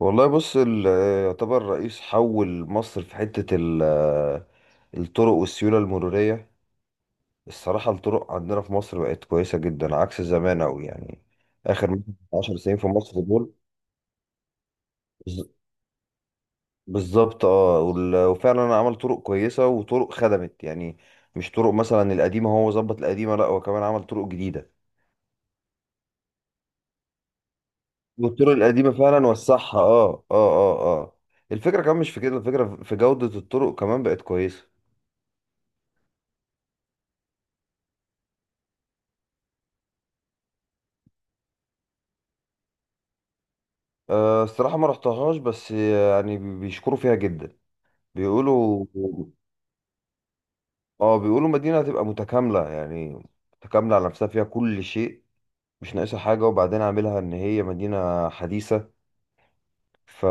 والله بص يعتبر رئيس حول مصر في حتة الطرق والسيولة المرورية. الصراحة الطرق عندنا في مصر بقت كويسة جدا عكس زمان أوي يعني آخر مثلا 10 سنين في مصر دول. بز- بالظبط، وفعلا عمل طرق كويسة وطرق خدمت يعني مش طرق مثلا القديمة، هو ظبط القديمة، لا هو كمان عمل طرق جديدة. والطرق القديمة فعلا وسعها. اه الفكرة كمان مش في كده، الفكرة في جودة الطرق كمان بقت كويسة. أه، الصراحة ما رحتهاش بس يعني بيشكروا فيها جدا. بيقولوا مدينة هتبقى متكاملة يعني، متكاملة على نفسها، فيها كل شيء، مش ناقصها حاجة. وبعدين عاملها إن هي مدينة حديثة. ف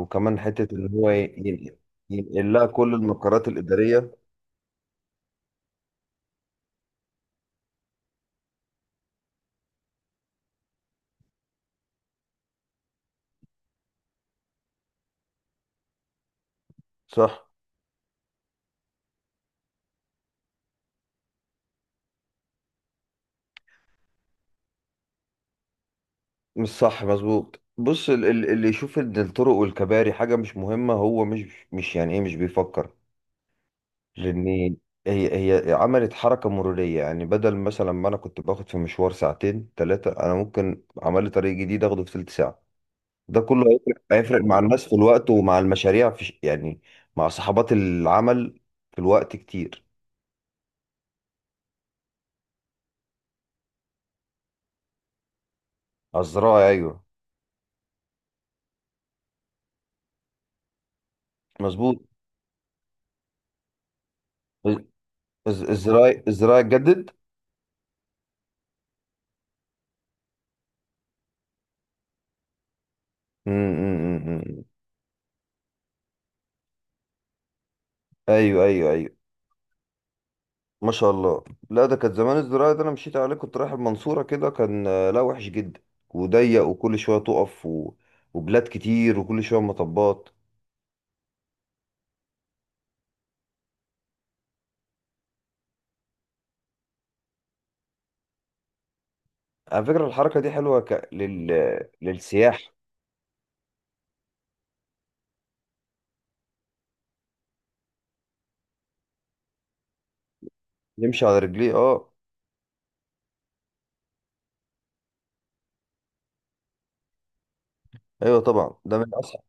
وكمان حتة إن هو ينقل لها كل المقرات الإدارية. صح. مش صح، مظبوط. بص، اللي يشوف إن الطرق والكباري حاجة مش مهمة، هو مش يعني إيه، مش بيفكر. لان هي عملت حركه مروريه يعني، بدل مثلا ما انا كنت باخد في مشوار ساعتين ثلاثه، انا ممكن عمل لي طريق جديد اخده في ثلث ساعه. ده كله هيفرق مع الناس في الوقت، ومع المشاريع في يعني مع صحابات العمل، في الوقت كتير. الزراعه، ايوه. مظبوط. الزراعي اتجدد. أمم، أمم، أمم. ايوه ايوه ايوه. ما شاء الله. لا، ده كانت زمان الزراعة ده انا مشيت عليه، كنت رايح المنصورة كده، كان لا وحش جدا وضيق، وكل شوية تقف وبلاد كتير، وكل شوية مطبات. على فكرة الحركة دي حلوة للسياح. يمشي على رجليه اه ايوه طبعا، ده من اسهل.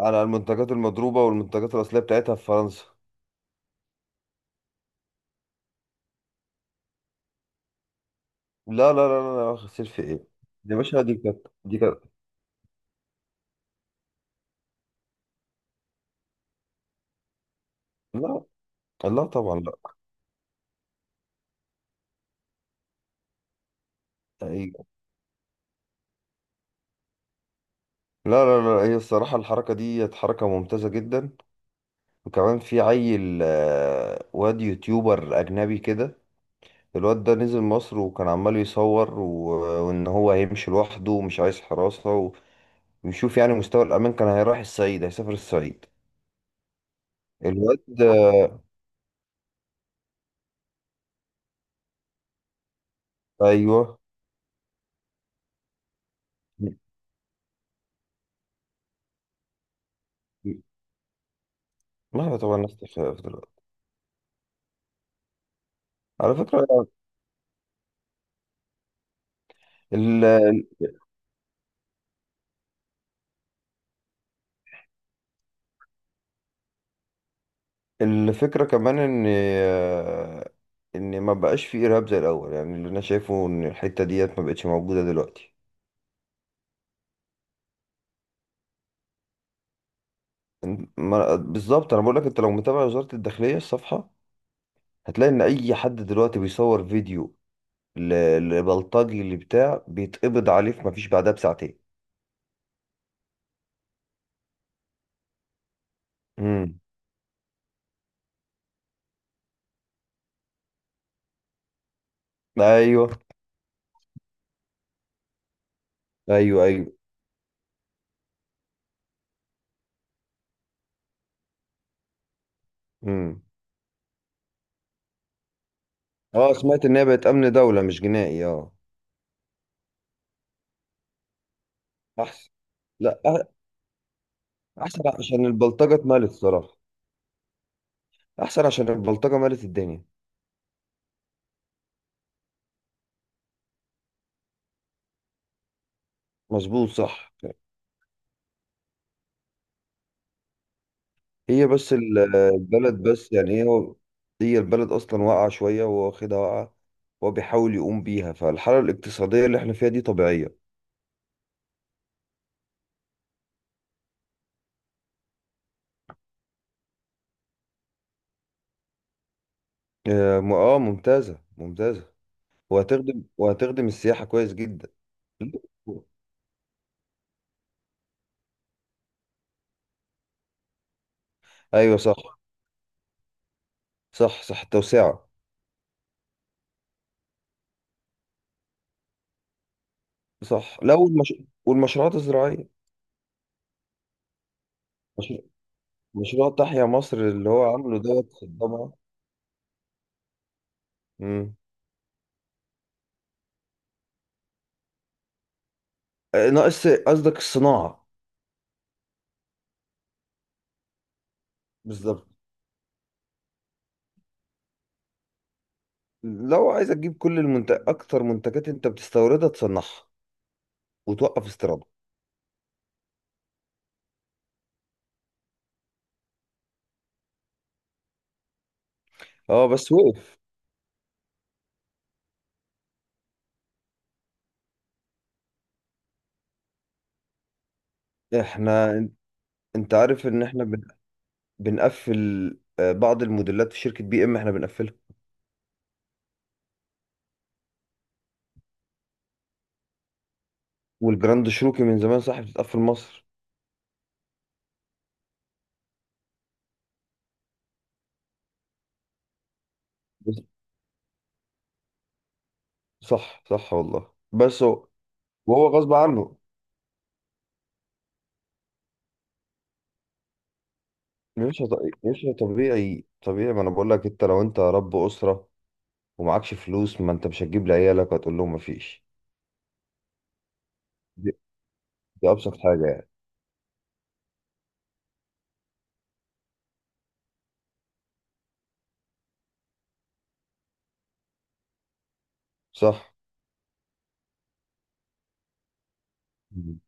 على المنتجات المضروبة والمنتجات الأصلية بتاعتها في فرنسا. لا لا لا لا لا، واخد سيلفي ايه! يا باشا دي كانت دي كانت لا، لا طبعا، لا. أيوة. لا لا لا، هي الصراحة الحركة دي حركة ممتازة جدا. وكمان في عيل واد يوتيوبر أجنبي كده. الواد ده نزل مصر وكان عمال يصور، وإن هو هيمشي لوحده ومش عايز حراسة ويشوف يعني مستوى الأمان. كان هيروح الصعيد، هيسافر الصعيد. الواد ده- أيوه. ما هو طبعا نفس الخلاف دلوقتي. على فكرة ال- الفكرة كمان إن إن ما بقاش في إرهاب زي الأول يعني. اللي أنا شايفه إن الحتة ديت ما بقتش موجودة دلوقتي. بالظبط. أنا بقول لك أنت لو متابع وزارة الداخلية الصفحة، هتلاقي ان اي حد دلوقتي بيصور فيديو لبلطجي اللي بتاع، بيتقبض عليه في مفيش بعدها بساعتين. امم. ايوه ايوه ايوه. امم. اه، سمعت ان هي بقت امن دولة مش جنائي. اه، احسن. لا، احسن عشان البلطجة اتمالت الصراحة. احسن عشان البلطجة مالت الدنيا. مظبوط، صح. هي بس البلد بس يعني هي البلد اصلا واقعة شوية، وهو واخدها واقعة وهو بيحاول يقوم بيها، فالحالة الاقتصادية اللي احنا فيها دي طبيعية. ممتازة ممتازة. وهتخدم السياحة كويس جدا. ايوه صح. صح، صح، التوسعة. صح. لا، والمشروعات الزراعية. مش... مشروع تحيا مصر اللي هو عامله دوت. طبعا. امم. آه، ناقص قصدك الصناعة. بالظبط. لو عايز تجيب كل المنتج اكتر، منتجات انت بتستوردها تصنعها وتوقف استيرادها. اه بس وقف. احنا انت عارف ان احنا بنقفل بعض الموديلات في شركة بي ام، احنا بنقفلها. والجراند شروكي من زمان صح بتتقفل مصر. بس- صح، صح والله. بس هو وهو غصب عنه. مش هط... مش طبيعي، طبيعي. ما انا بقول لك، لو انت رب اسره ومعكش فلوس، ما انت مش هتجيب لعيالك، وهتقول لهم مفيش. دي, دي ابسط حاجه يعني. صح. مم.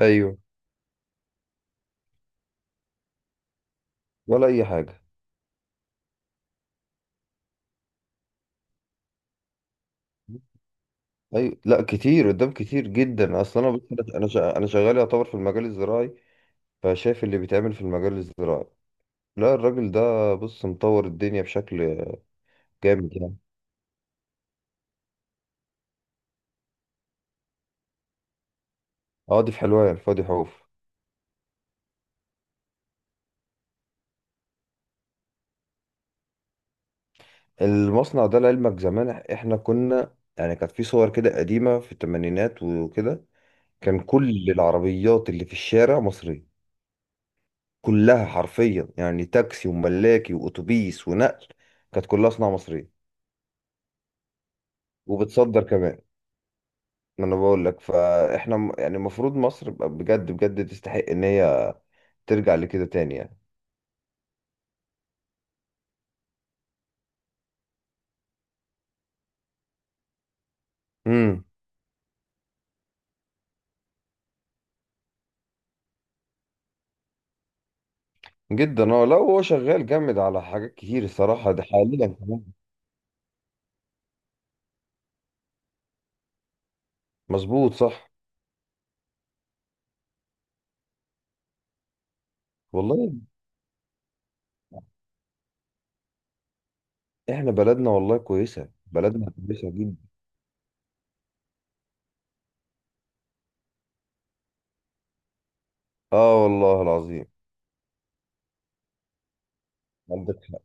ايوه. ولا اي حاجه. ايوه لا، كتير قدام، كتير جدا. اصلا انا بص- انا شا- انا شغال يعتبر في المجال الزراعي، فشايف اللي بيتعمل في المجال الزراعي. لا، الراجل ده بص مطور الدنيا بشكل جامد يعني. اه، دي في حلوان الفاضي حوف. المصنع ده لعلمك زمان احنا كنا يعني كانت في صور كده قديمة في الثمانينات وكده. كان كل العربيات اللي في الشارع مصرية، كلها حرفيا يعني، تاكسي وملاكي واتوبيس ونقل. كانت كلها صناعة مصرية. وبتصدر كمان. ما انا بقول لك، فاحنا يعني المفروض مصر بقى بجد بجد تستحق ان هي ترجع لكده تاني يعني. امم. جدا. اه لا، هو شغال جامد على حاجات كتير الصراحة ده حاليا كمان. مظبوط، صح والله. احنا بلدنا والله كويسة، بلدنا كويسة جدا. اه والله العظيم. عندك حق،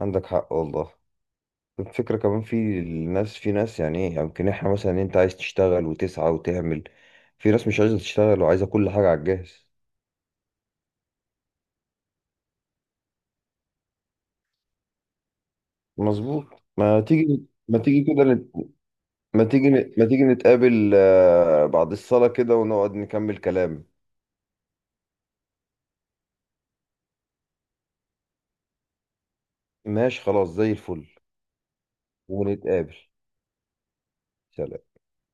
عندك حق والله. الفكرة كمان في الناس في ناس يعني ايه، يمكن احنا مثلا انت عايز تشتغل وتسعى وتعمل، في ناس مش عايزة تشتغل وعايزة كل حاجة على الجاهز. مظبوط. ما تيجي ما تيجي كده نت... ما تيجي نتقابل بعد الصلاة كده، ونقعد نكمل كلام. ماشي خلاص زي الفل. ونتقابل. سلام.